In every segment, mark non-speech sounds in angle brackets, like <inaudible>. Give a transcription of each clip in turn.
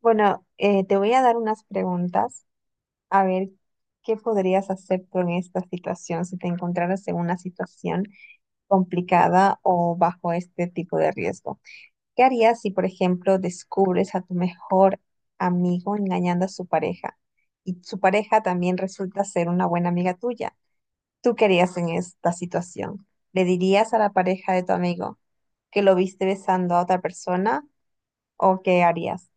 Bueno, te voy a dar unas preguntas a ver qué podrías hacer tú en esta situación si te encontraras en una situación complicada o bajo este tipo de riesgo. ¿Qué harías si, por ejemplo, descubres a tu mejor amigo engañando a su pareja y su pareja también resulta ser una buena amiga tuya? ¿Tú qué harías en esta situación? ¿Le dirías a la pareja de tu amigo que lo viste besando a otra persona o qué harías?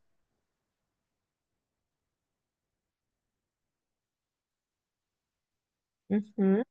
Ujú.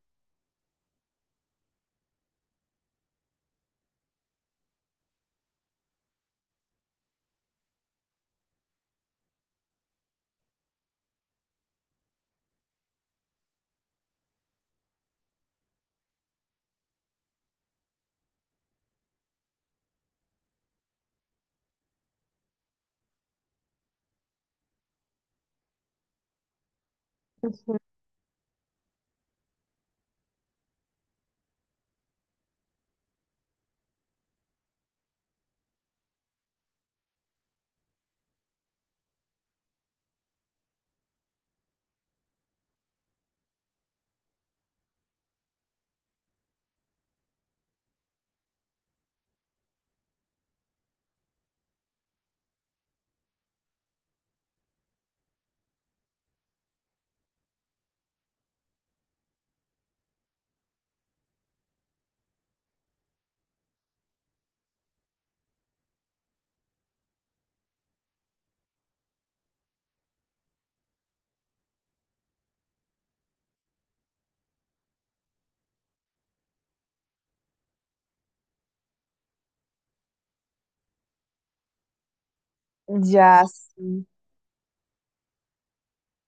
Ya, sí.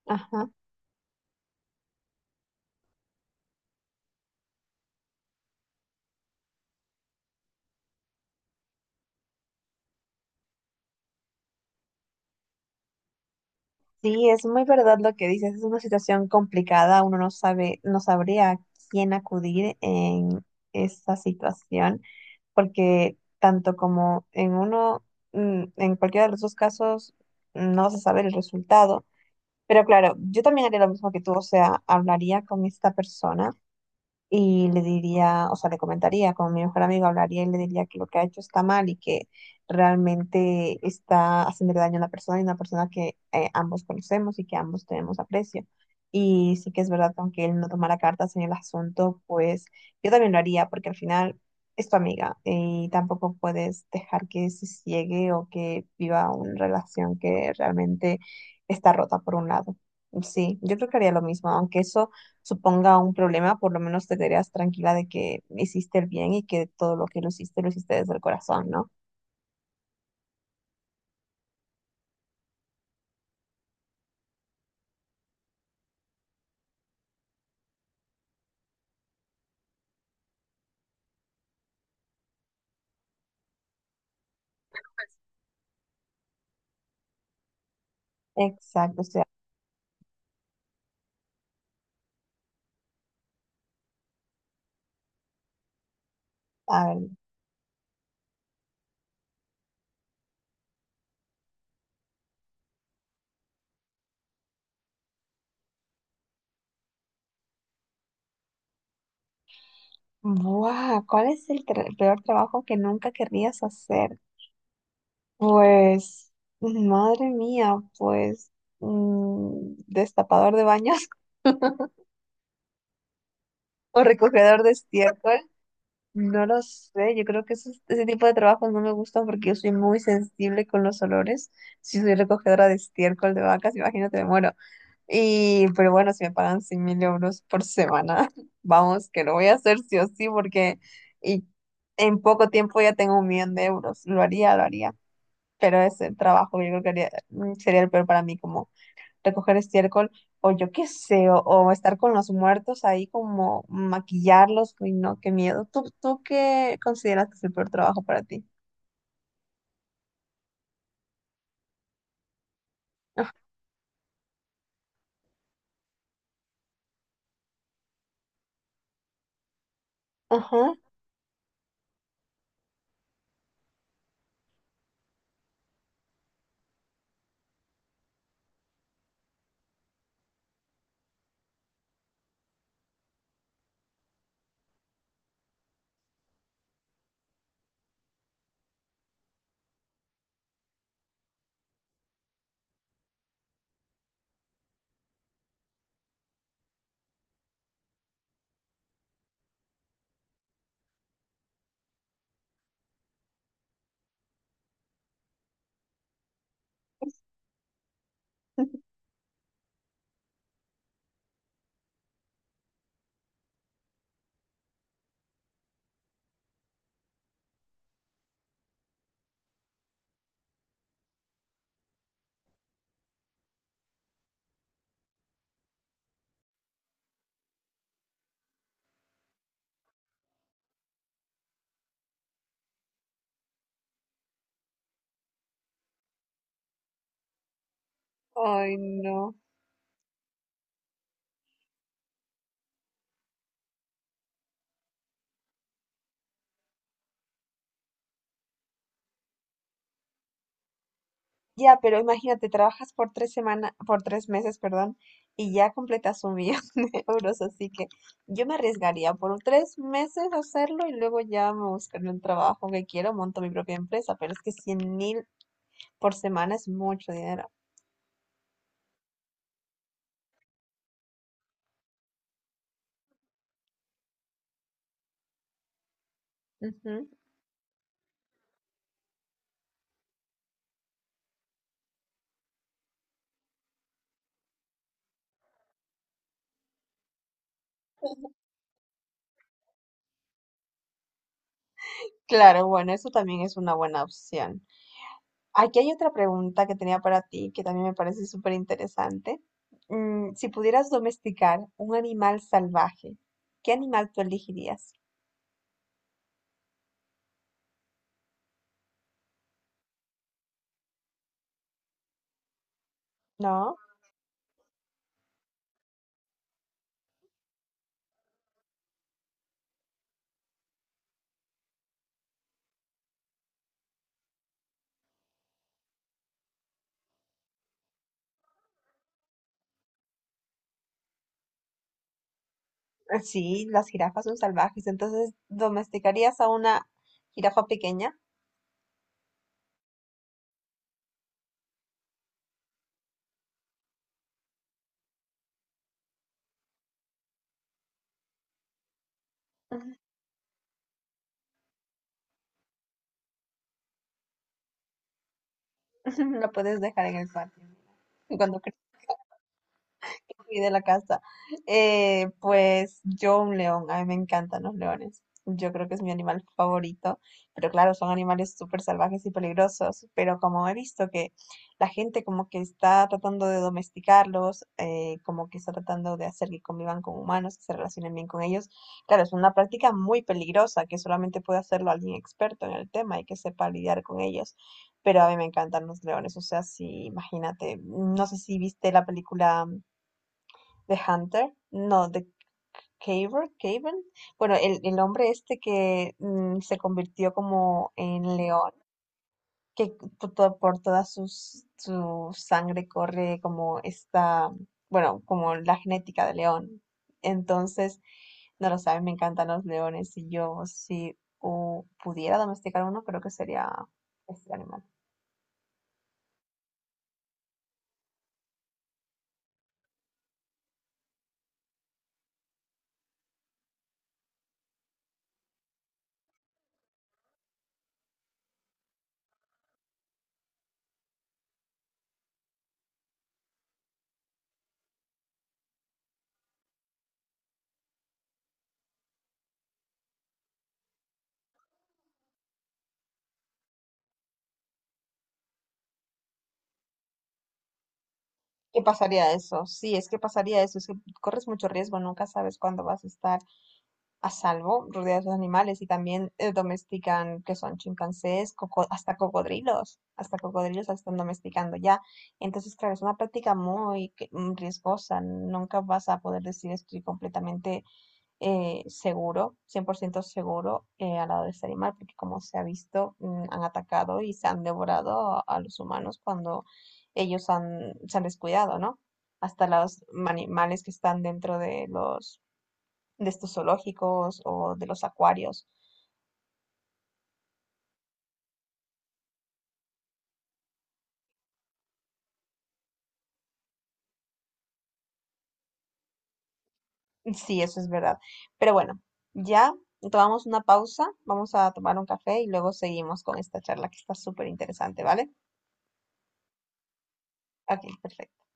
Ajá. Sí, es muy verdad lo que dices, es una situación complicada, uno no sabe, no sabría a quién acudir en esta situación, porque tanto como en uno, en cualquiera de los dos casos, no vas a saber el resultado. Pero claro, yo también haría lo mismo que tú, o sea, hablaría con esta persona y le diría, o sea, le comentaría con mi mejor amigo, hablaría y le diría que lo que ha hecho está mal y que realmente está haciéndole daño a una persona y una persona que ambos conocemos y que ambos tenemos aprecio. Y sí que es verdad que aunque él no tomara cartas en el asunto, pues yo también lo haría porque al final es tu amiga y tampoco puedes dejar que se ciegue o que viva una relación que realmente está rota por un lado. Sí, yo creo que haría lo mismo, aunque eso suponga un problema, por lo menos te quedarías tranquila de que hiciste el bien y que todo lo que lo hiciste desde el corazón, ¿no? Exacto, o sea, a ver, ¡buah! ¿Cuál es el, el peor trabajo que nunca querrías hacer? Pues, madre mía, pues, destapador de baños <laughs> o recogedor de estiércol. No lo sé, yo creo que ese tipo de trabajos no me gustan porque yo soy muy sensible con los olores. Si soy recogedora de estiércol de vacas, imagínate, me muero. Y pero bueno, si me pagan 100.000 euros por semana, <laughs> vamos, que lo voy a hacer sí o sí, porque y en poco tiempo ya tengo un millón de euros. Lo haría, lo haría. Pero ese trabajo yo creo que sería el peor para mí, como recoger estiércol o yo qué sé, o estar con los muertos ahí como maquillarlos, uy, no, qué miedo. ¿Tú qué consideras que es el peor trabajo para ti? Ah. Ajá. Ay, no. Ya, pero imagínate, trabajas por tres semanas, por tres meses, perdón, y ya completas un millón <laughs> de euros, así que yo me arriesgaría por tres meses a hacerlo y luego ya me buscaré un trabajo que quiero, monto mi propia empresa, pero es que 100.000 por semana es mucho dinero. Ujú. Claro, bueno, eso también es una buena opción. Aquí hay otra pregunta que tenía para ti que también me parece súper interesante. Si pudieras domesticar un animal salvaje, ¿qué animal tú elegirías? ¿No? Sí, las jirafas son salvajes, entonces domesticarías a una jirafa pequeña, <laughs> la puedes dejar en el patio. Y cuando fui de la casa. Pues yo un león, a mí me encantan los leones. Yo creo que es mi animal favorito, pero claro, son animales súper salvajes y peligrosos, pero como he visto que la gente como que está tratando de domesticarlos, como que está tratando de hacer que convivan con humanos, que se relacionen bien con ellos, claro, es una práctica muy peligrosa que solamente puede hacerlo alguien experto en el tema y que sepa lidiar con ellos, pero a mí me encantan los leones, o sea, sí, imagínate, no sé si viste la película The Hunter, no, The Caver, Caven. Bueno, el hombre este que se convirtió como en león, que por toda su sangre corre como esta, bueno, como la genética de león. Entonces, no lo sabes, me encantan los leones y yo si pudiera domesticar uno, creo que sería este animal. ¿Qué pasaría eso? Sí, es que pasaría eso, es que corres mucho riesgo, nunca sabes cuándo vas a estar a salvo, rodeados de animales, y también domestican, que son chimpancés, hasta cocodrilos la están domesticando ya. Entonces, claro, es una práctica muy riesgosa, nunca vas a poder decir estoy completamente seguro, 100% seguro al lado de este animal, porque como se ha visto, han atacado y se han devorado a los humanos cuando ellos han, se han descuidado, ¿no? Hasta los animales que están dentro de los de estos zoológicos o de los acuarios. Sí, eso es verdad. Pero bueno, ya tomamos una pausa, vamos a tomar un café y luego seguimos con esta charla que está súper interesante, ¿vale? Ok, perfecto.